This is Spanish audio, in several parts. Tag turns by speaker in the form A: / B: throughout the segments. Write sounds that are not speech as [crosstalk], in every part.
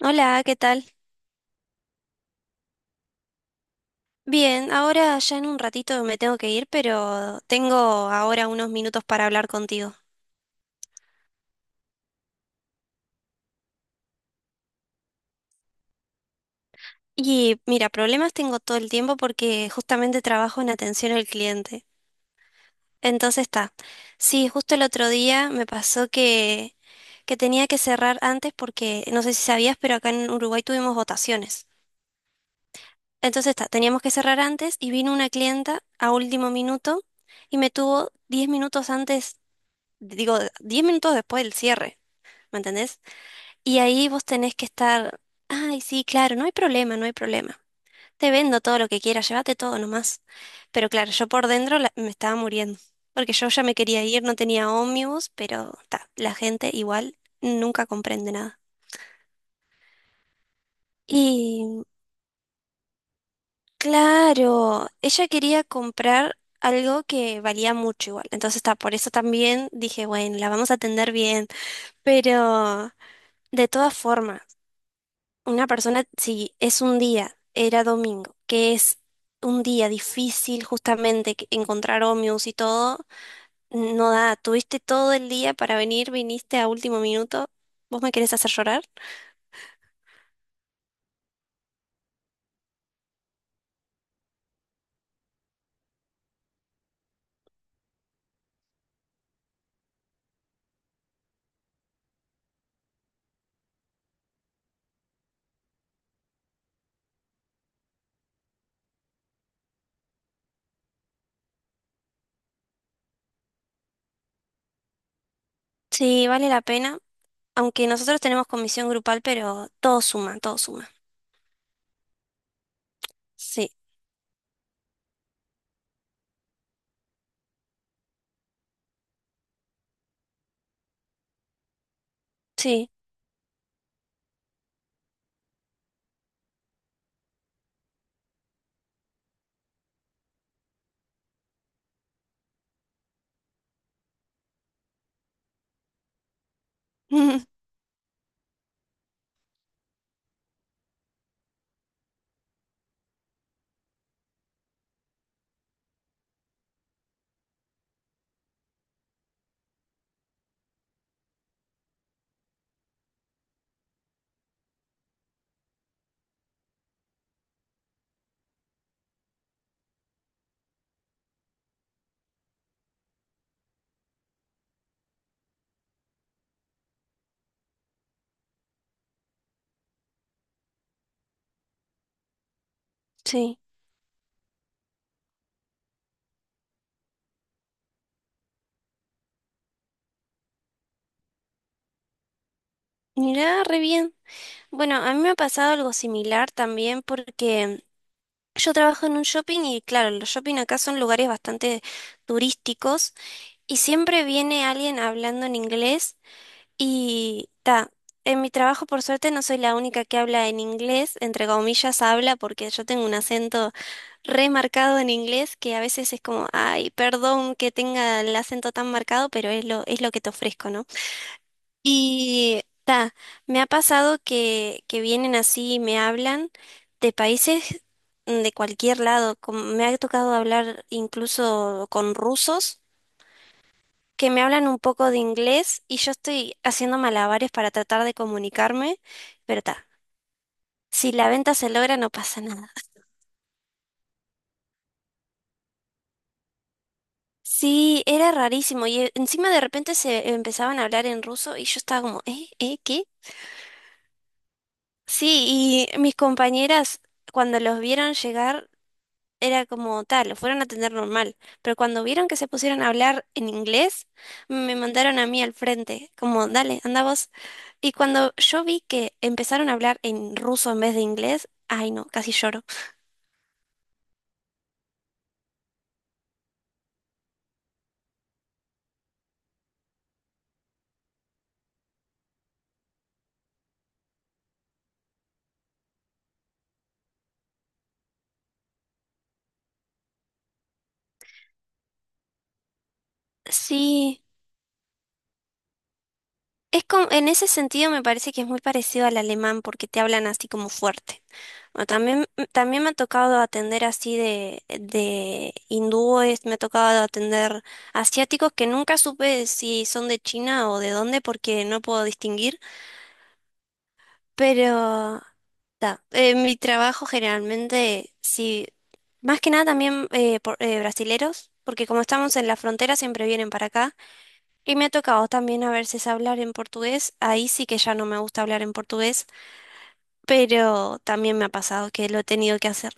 A: Hola, ¿qué tal? Bien, ahora ya en un ratito me tengo que ir, pero tengo ahora unos minutos para hablar contigo. Y mira, problemas tengo todo el tiempo porque justamente trabajo en atención al cliente. Entonces está. Sí, justo el otro día me pasó que tenía que cerrar antes porque, no sé si sabías, pero acá en Uruguay tuvimos votaciones. Entonces está, teníamos que cerrar antes y vino una clienta a último minuto y me tuvo 10 minutos antes, digo, 10 minutos después del cierre. ¿Me entendés? Y ahí vos tenés que estar, ay, sí, claro, no hay problema, no hay problema. Te vendo todo lo que quieras, llévate todo nomás. Pero claro, yo por dentro me estaba muriendo, porque yo ya me quería ir, no tenía ómnibus, pero ta, la gente igual nunca comprende nada. Y claro, ella quería comprar algo que valía mucho igual. Entonces, está, por eso también dije, bueno, la vamos a atender bien. Pero de todas formas, una persona, si es un día, era domingo, que es un día difícil justamente que- encontrar ómnibus y todo, no da, tuviste todo el día para venir, viniste a último minuto, ¿vos me querés hacer llorar? Sí, vale la pena, aunque nosotros tenemos comisión grupal, pero todo suma, todo suma. Sí, sí, [laughs] sí. Mirá, re bien. Bueno, a mí me ha pasado algo similar también porque yo trabajo en un shopping y claro, los shopping acá son lugares bastante turísticos. Y siempre viene alguien hablando en inglés y ta, en mi trabajo por suerte no soy la única que habla en inglés, entre comillas habla porque yo tengo un acento remarcado en inglés que a veces es como, ay, perdón que tenga el acento tan marcado, pero es lo que te ofrezco, ¿no? Y ta, me ha pasado que vienen así y me hablan de países de cualquier lado, como me ha tocado hablar incluso con rusos que me hablan un poco de inglés y yo estoy haciendo malabares para tratar de comunicarme, pero ta, si la venta se logra no pasa nada. [laughs] Sí, era rarísimo y encima de repente se empezaban a hablar en ruso y yo estaba como, ¿eh? ¿Eh? ¿Qué? Sí, y mis compañeras cuando los vieron llegar era como tal, lo fueron a atender normal, pero cuando vieron que se pusieron a hablar en inglés, me mandaron a mí al frente, como, dale, anda vos. Y cuando yo vi que empezaron a hablar en ruso en vez de inglés, ay no, casi lloro. Sí. Es como, en ese sentido me parece que es muy parecido al alemán porque te hablan así como fuerte. Bueno, también, también me ha tocado atender así de hindúes, me ha tocado atender asiáticos que nunca supe si son de China o de dónde porque no puedo distinguir. Pero ta, en mi trabajo generalmente, sí, más que nada también brasileros, porque como estamos en la frontera siempre vienen para acá. Y me ha tocado también a veces hablar en portugués. Ahí sí que ya no me gusta hablar en portugués, pero también me ha pasado que lo he tenido que hacer.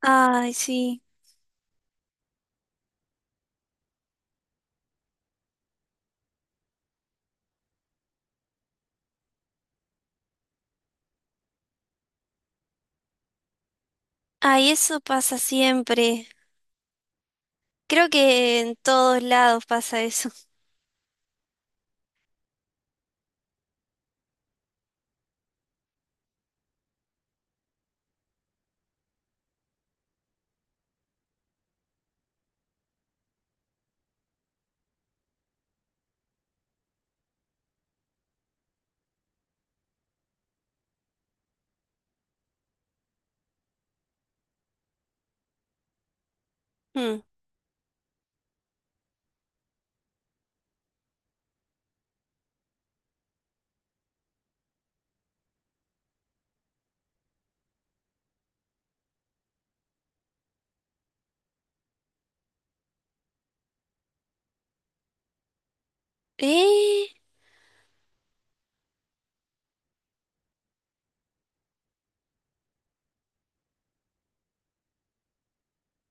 A: Ay, sí. Ay, eso pasa siempre. Creo que en todos lados pasa eso. [laughs] Mm. ¿Eh?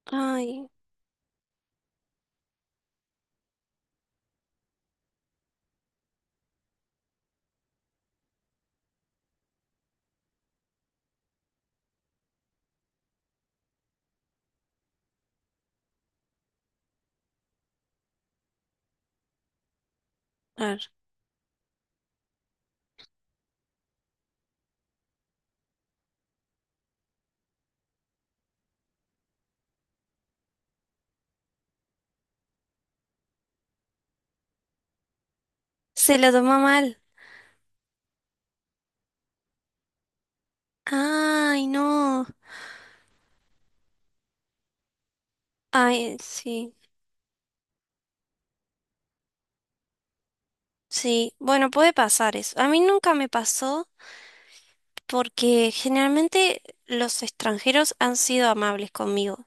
A: Ay, a ver. Se lo tomó mal. Ay, no. Ay, sí. Sí. Bueno, puede pasar eso. A mí nunca me pasó porque generalmente los extranjeros han sido amables conmigo.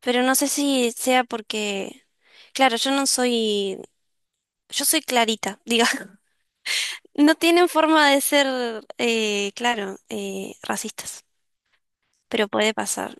A: Pero no sé si sea porque, claro, yo no soy, yo soy clarita, diga. [laughs] No tienen forma de ser, claro, racistas, pero puede pasar.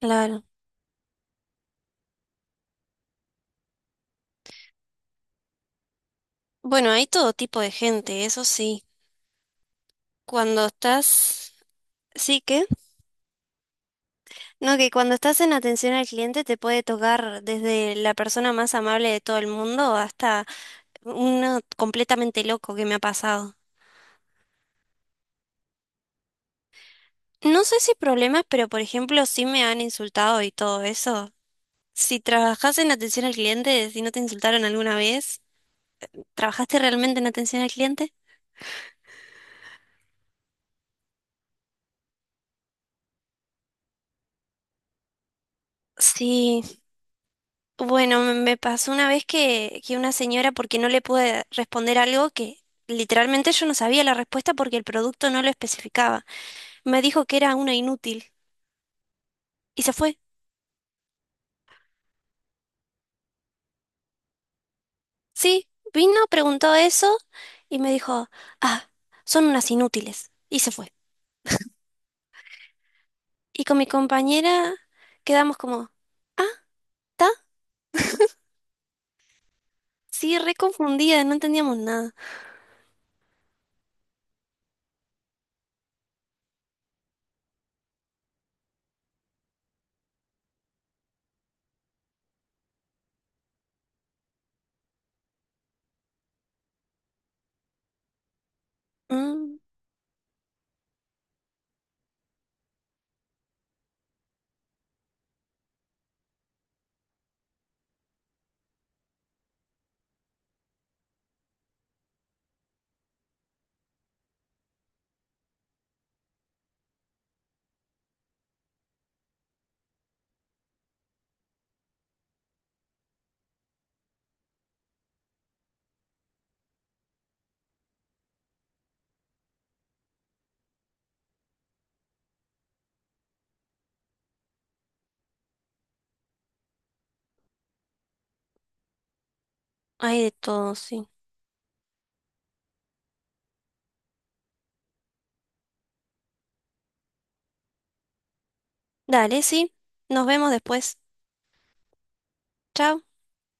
A: Claro. Bueno, hay todo tipo de gente, eso sí. Cuando estás, sí que, no, que cuando estás en atención al cliente te puede tocar desde la persona más amable de todo el mundo hasta uno completamente loco que me ha pasado. No sé si problemas, pero por ejemplo, sí me han insultado y todo eso. Si trabajas en atención al cliente, si no te insultaron alguna vez, ¿trabajaste realmente en atención al cliente? Sí, bueno, me pasó una vez que una señora, porque no le pude responder algo que literalmente yo no sabía la respuesta porque el producto no lo especificaba, me dijo que era una inútil y se fue. Sí, vino, preguntó eso y me dijo, ah, son unas inútiles y se fue. Y con mi compañera quedamos como, ah, está, sí, re confundida, no entendíamos nada. Mm, hay de todo, sí. Dale, sí. Nos vemos después. Chao.